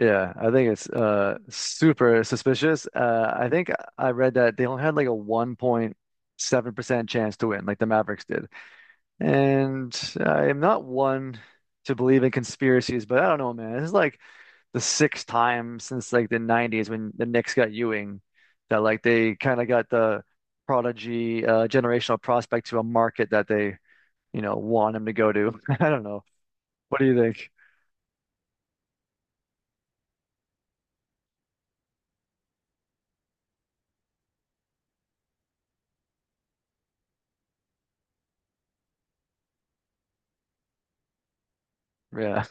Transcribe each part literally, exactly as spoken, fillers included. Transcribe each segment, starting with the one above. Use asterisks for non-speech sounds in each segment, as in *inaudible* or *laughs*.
Yeah, I think it's uh super suspicious. Uh I think I read that they only had like a one point seven percent chance to win, like the Mavericks did. And I am not one to believe in conspiracies, but I don't know, man. This is like the sixth time since like the nineties when the Knicks got Ewing that like they kind of got the prodigy uh generational prospect to a market that they, you know, want him to go to. *laughs* I don't know. What do you think? Yeah.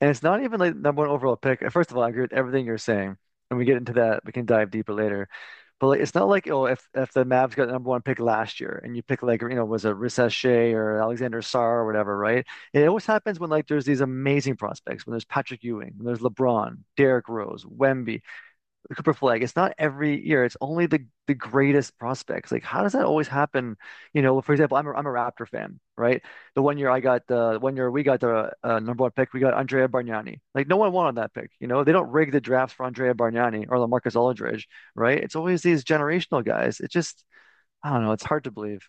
And it's not even like number one overall pick. First of all, I agree with everything you're saying. And we get into that, we can dive deeper later. But like, it's not like, oh, if if the Mavs got the number one pick last year, and you pick like you know was it Risa Shea or Alexander Sarr or whatever, right? It always happens when like there's these amazing prospects, when there's Patrick Ewing, when there's LeBron, Derrick Rose, Wemby the Cooper Flag. It's not every year. It's only the the greatest prospects. Like, how does that always happen? You know, for example, I'm a, I'm a Raptor fan, right? The one year I got the one year we got the uh, number one pick, we got Andrea Bargnani. Like, no one wanted that pick. You know, they don't rig the drafts for Andrea Bargnani or LaMarcus Aldridge, right? It's always these generational guys. It just, I don't know. It's hard to believe.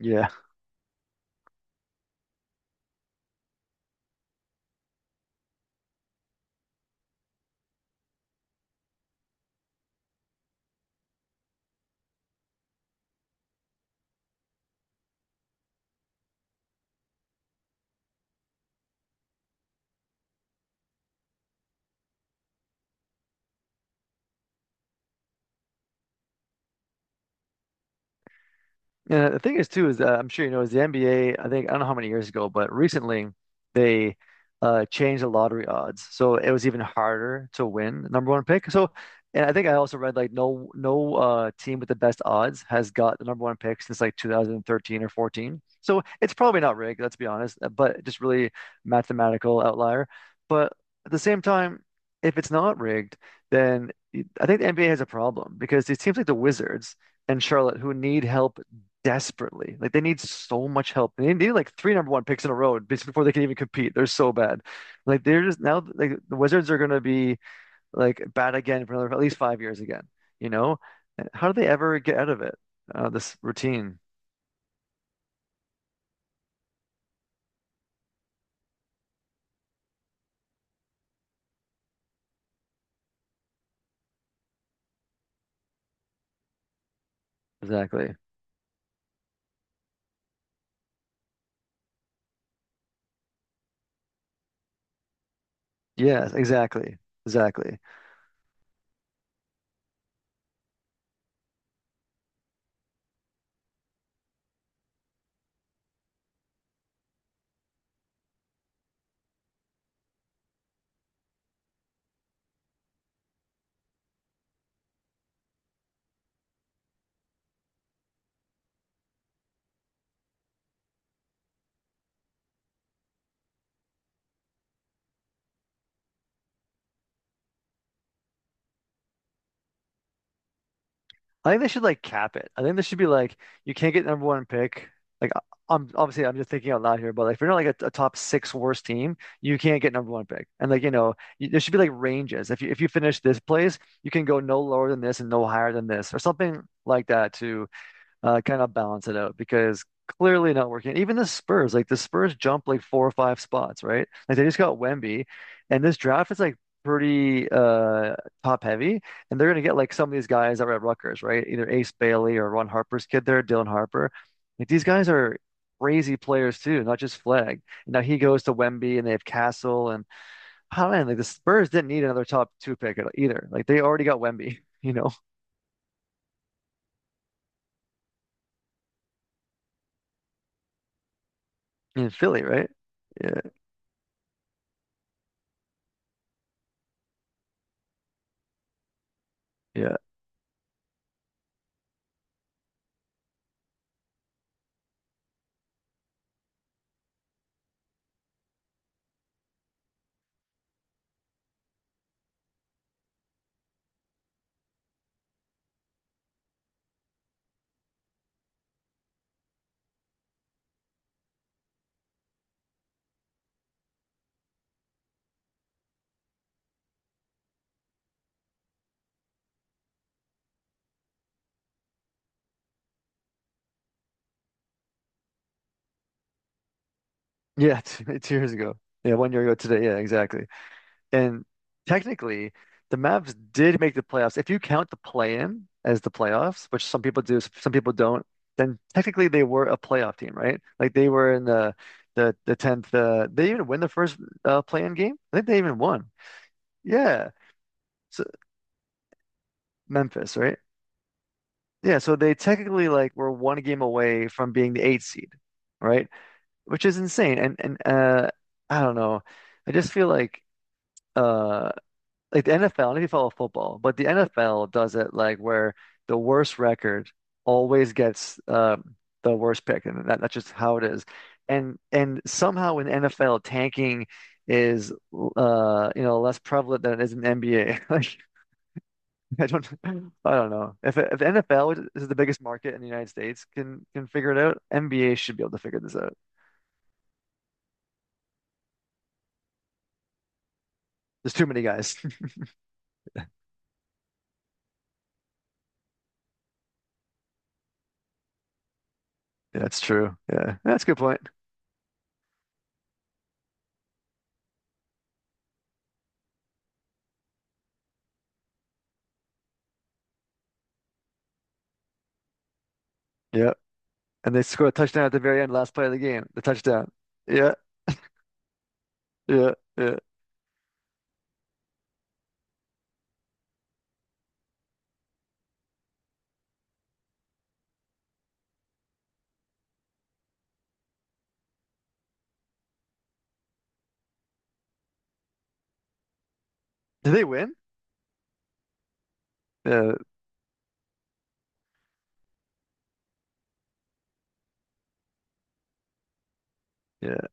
Yeah. And the thing is, too, is uh, I'm sure you know, is the N B A, I think, I don't know how many years ago, but recently they uh, changed the lottery odds. So it was even harder to win the number one pick. So, and I think I also read like no no uh, team with the best odds has got the number one pick since like two thousand thirteen or fourteen. So it's probably not rigged, let's be honest, uh, but just really mathematical outlier. But at the same time, if it's not rigged, then I think the N B A has a problem because it seems like the Wizards and Charlotte, who need help desperately. Like they need so much help. They need like three number one picks in a row basically before they can even compete. They're so bad. Like they're just now like the Wizards are gonna be like bad again for another at least five years again. You know? How do they ever get out of it? Uh, this routine. Exactly. Yes, exactly. Exactly. I think they should like cap it. I think they should be like, you can't get number one pick. Like, I- I'm obviously I'm just thinking out loud here, but like, if you're not like a, a top six worst team, you can't get number one pick. And like, you know, you, there should be like ranges. If you if you finish this place, you can go no lower than this and no higher than this, or something like that to uh, kind of balance it out because clearly not working. Even the Spurs, like the Spurs jumped like four or five spots, right? Like they just got Wemby, and this draft is like pretty uh top heavy, and they're gonna get like some of these guys that were at Rutgers, right? Either Ace Bailey or Ron Harper's kid there, Dylan Harper. Like these guys are crazy players too, not just Flag. Now he goes to Wemby, and they have Castle, and oh, man, like the Spurs didn't need another top two pick either. Like they already got Wemby, *laughs* you know, in Philly, right? Yeah, yeah. Yeah, *laughs* two, two years ago. Yeah, one year ago today. Yeah, exactly. And technically, the Mavs did make the playoffs. If you count the play-in as the playoffs, which some people do, some people don't, then technically they were a playoff team, right? Like they were in the the the tenth. Uh, they even win the first uh, play-in game. I think they even won. Yeah, so Memphis, right? Yeah, so they technically like were one game away from being the eight seed, right? Which is insane. And and uh, I don't know. I just feel like. Uh, like the N F L, I don't know if you follow football, but the N F L does it like where the worst record always gets um, the worst pick, and that, that's just how it is. And and somehow in N F L tanking is uh you know less prevalent than it is in N B A. *laughs* Like I don't I don't know if if N F L, which is the biggest market in the United States, can can figure it out, N B A should be able to figure this out. There's too many guys. *laughs* Yeah, that's true. Yeah, that's a good point. Yeah. And they scored a touchdown at the very end, last play of the game. The touchdown. Yeah, yeah, yeah. Did they win? Yeah, yeah.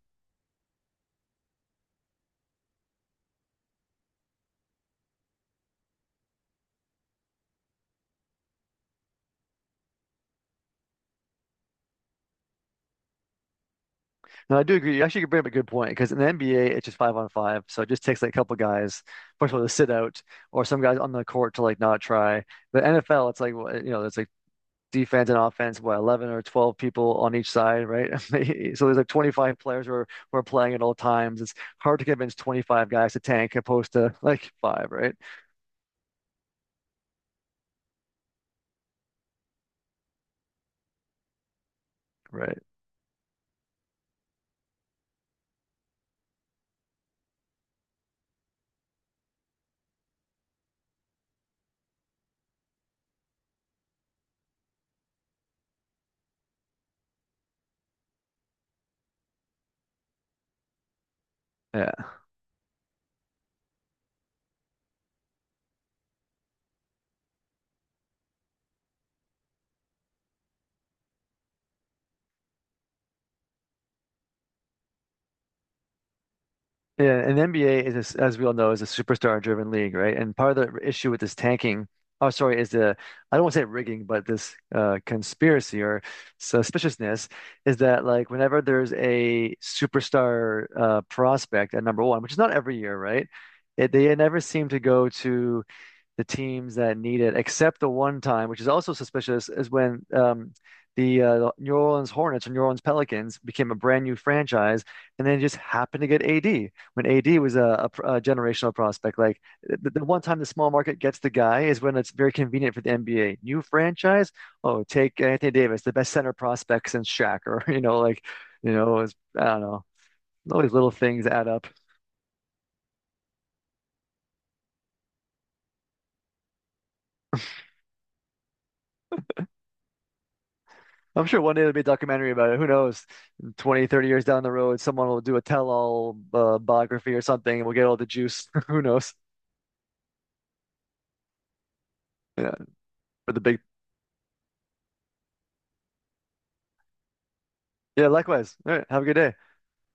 No, I do agree. You actually could bring up a good point because in the N B A, it's just five on five. So it just takes like a couple guys, first of all, to sit out or some guys on the court to like not try. But N F L, it's like, well, you know, there's like defense and offense, what, eleven or twelve people on each side, right? *laughs* So there's like twenty-five players who are, who are playing at all times. It's hard to convince twenty-five guys to tank opposed to like five, right? Right. Yeah. Yeah, and the N B A is, a s as we all know, is a superstar-driven league, right? And part of the issue with this tanking, oh, sorry, is the I don't want to say rigging, but this uh, conspiracy or suspiciousness is that like whenever there's a superstar uh, prospect at number one, which is not every year, right? It, they never seem to go to the teams that need it, except the one time, which is also suspicious, is when um, the uh, the New Orleans Hornets or New Orleans Pelicans became a brand new franchise, and then just happened to get A D when A D was a, a, a generational prospect. Like the, the one time the small market gets the guy is when it's very convenient for the N B A. New franchise, oh, take Anthony Davis, the best center prospect since Shaq, or *laughs* you know, like you know, it's, I don't know. All these little things add up. I'm sure one day there'll be a documentary about it. Who knows? Twenty, thirty years down the road, someone will do a tell-all uh, biography or something, and we'll get all the juice. *laughs* Who knows? Yeah, for the big. Yeah, likewise. All right, have a good day.